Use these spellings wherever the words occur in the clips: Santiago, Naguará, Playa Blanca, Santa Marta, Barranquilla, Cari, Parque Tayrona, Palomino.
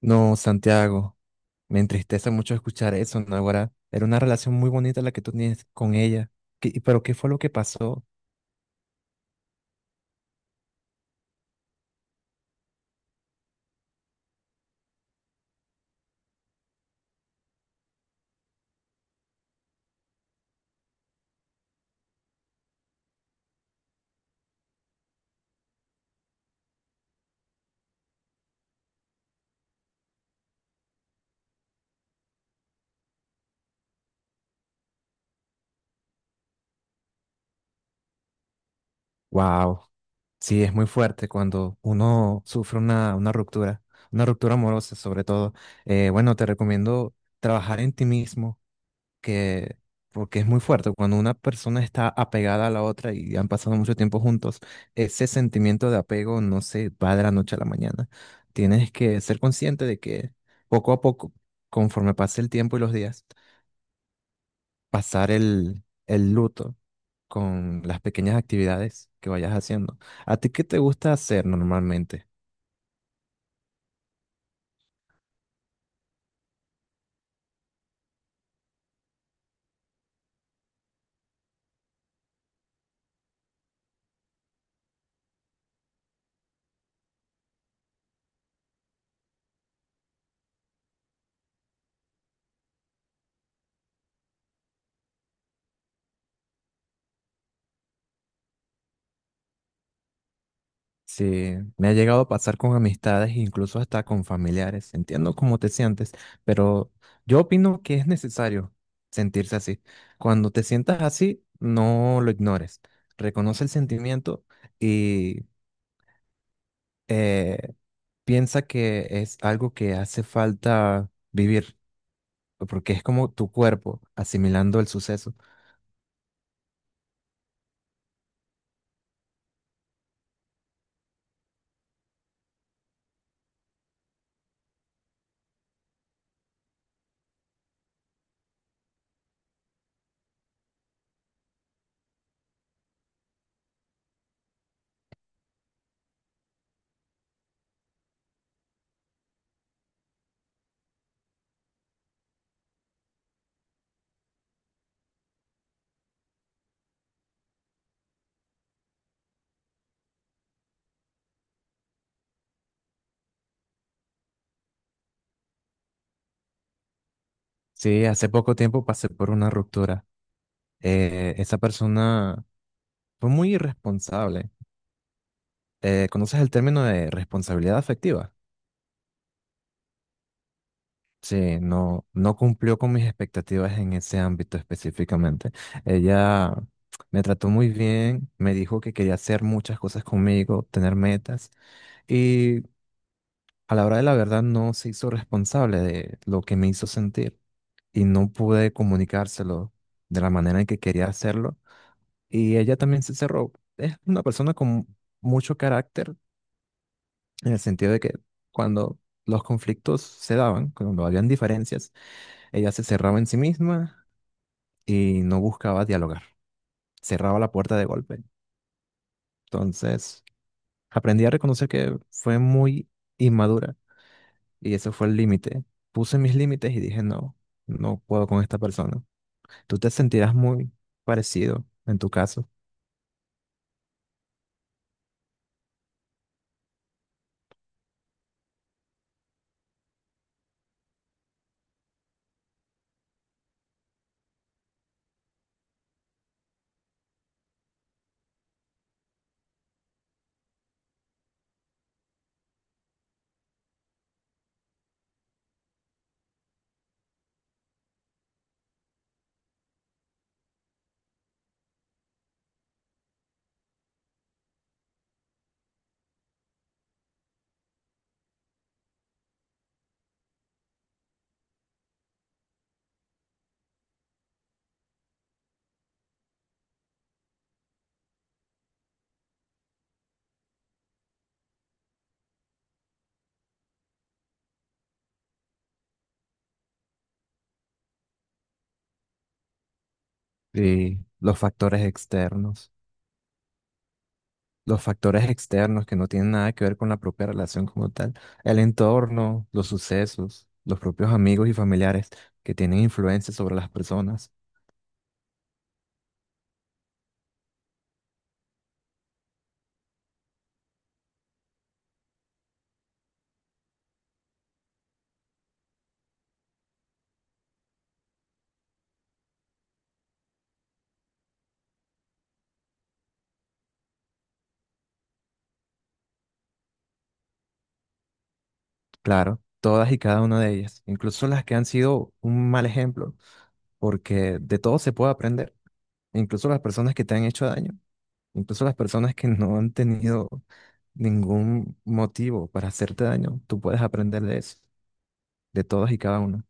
No, Santiago, me entristece mucho escuchar eso, Naguará. Era una relación muy bonita la que tú tienes con ella. ¿Pero qué fue lo que pasó? Wow, sí, es muy fuerte cuando uno sufre una ruptura, una ruptura amorosa sobre todo. Bueno, te recomiendo trabajar en ti mismo. Que Porque es muy fuerte. Cuando una persona está apegada a la otra y han pasado mucho tiempo juntos, ese sentimiento de apego no se va de la noche a la mañana. Tienes que ser consciente de que poco a poco, conforme pase el tiempo y los días, pasar el luto con las pequeñas actividades que vayas haciendo. ¿A ti qué te gusta hacer normalmente? Sí, me ha llegado a pasar con amistades, incluso hasta con familiares. Entiendo cómo te sientes, pero yo opino que es necesario sentirse así. Cuando te sientas así, no lo ignores. Reconoce el sentimiento y eh, piensa que es algo que hace falta vivir, porque es como tu cuerpo asimilando el suceso. Sí, hace poco tiempo pasé por una ruptura. Esa persona fue muy irresponsable. ¿Conoces el término de responsabilidad afectiva? Sí, no cumplió con mis expectativas en ese ámbito específicamente. Ella me trató muy bien, me dijo que quería hacer muchas cosas conmigo, tener metas, y a la hora de la verdad no se hizo responsable de lo que me hizo sentir y no pude comunicárselo de la manera en que quería hacerlo. Y ella también se cerró. Es una persona con mucho carácter, en el sentido de que cuando los conflictos se daban, cuando habían diferencias, ella se cerraba en sí misma y no buscaba dialogar, cerraba la puerta de golpe. Entonces, aprendí a reconocer que fue muy inmadura y ese fue el límite. Puse mis límites y dije, no, no puedo con esta persona. Tú te sentirás muy parecido en tu caso y los factores externos. Los factores externos que no tienen nada que ver con la propia relación como tal, el entorno, los sucesos, los propios amigos y familiares, que tienen influencia sobre las personas, claro, todas y cada una de ellas, incluso las que han sido un mal ejemplo, porque de todo se puede aprender, incluso las personas que te han hecho daño, incluso las personas que no han tenido ningún motivo para hacerte daño, tú puedes aprender de eso, de todas y cada una.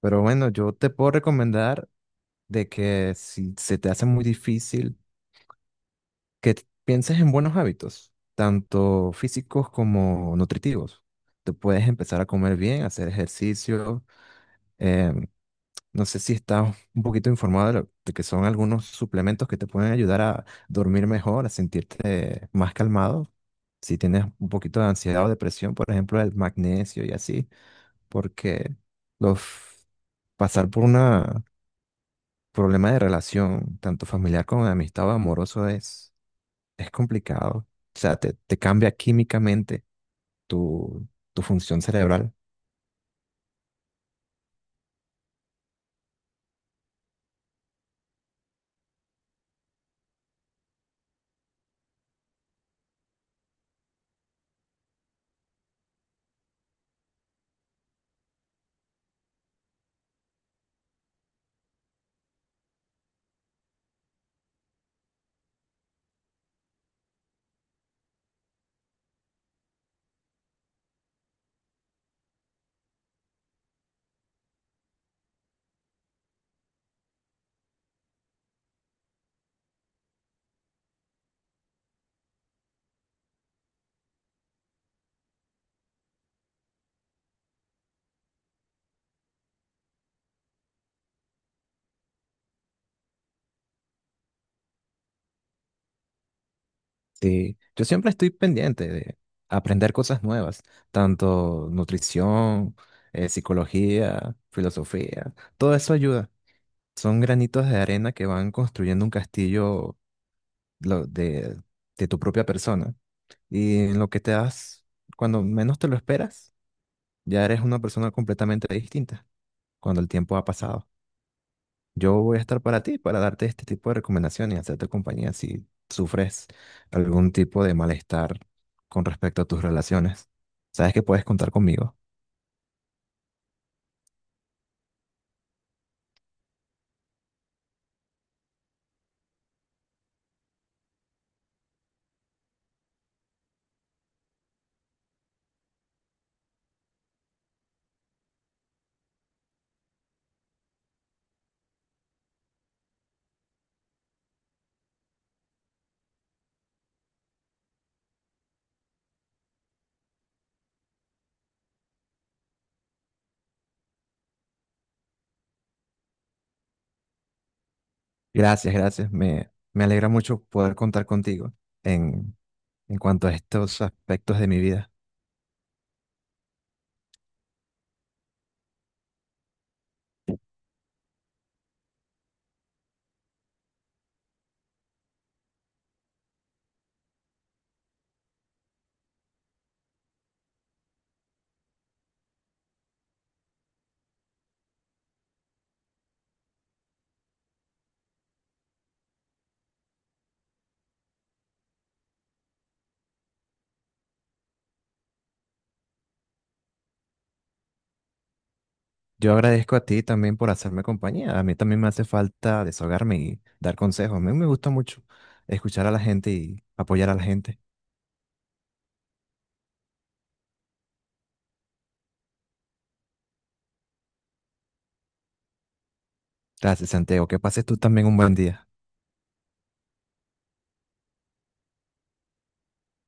Pero bueno, yo te puedo recomendar de que si se te hace muy difícil, que pienses en buenos hábitos, tanto físicos como nutritivos. Te puedes empezar a comer bien, hacer ejercicio. em, no sé si estás un poquito informado de, de que son algunos suplementos que te pueden ayudar a dormir mejor, a sentirte más calmado. Si tienes un poquito de ansiedad o depresión, por ejemplo, el magnesio y así, porque los pasar por una problema de relación, tanto familiar como de amistad o amoroso, es complicado. O sea, te cambia químicamente tu, tu función cerebral. Sí, yo siempre estoy pendiente de aprender cosas nuevas, tanto nutrición, psicología, filosofía, todo eso ayuda. Son granitos de arena que van construyendo un castillo lo- de, de tu propia persona. Y en lo que te das, cuando menos te lo esperas, ya eres una persona completamente distinta, cuando el tiempo ha pasado. Yo voy a estar para ti, para darte este tipo de recomendaciones y hacerte compañía si sufres algún tipo de malestar con respecto a tus relaciones. Sabes que puedes contar conmigo. Gracias, gracias. Me alegra mucho poder contar contigo en, en cuanto a estos aspectos de mi vida. Yo agradezco a ti también por hacerme compañía. A mí también me hace falta desahogarme y dar consejos. A mí me gusta mucho escuchar a la gente y apoyar a la gente. Gracias, Santiago. Que pases tú también un buen día.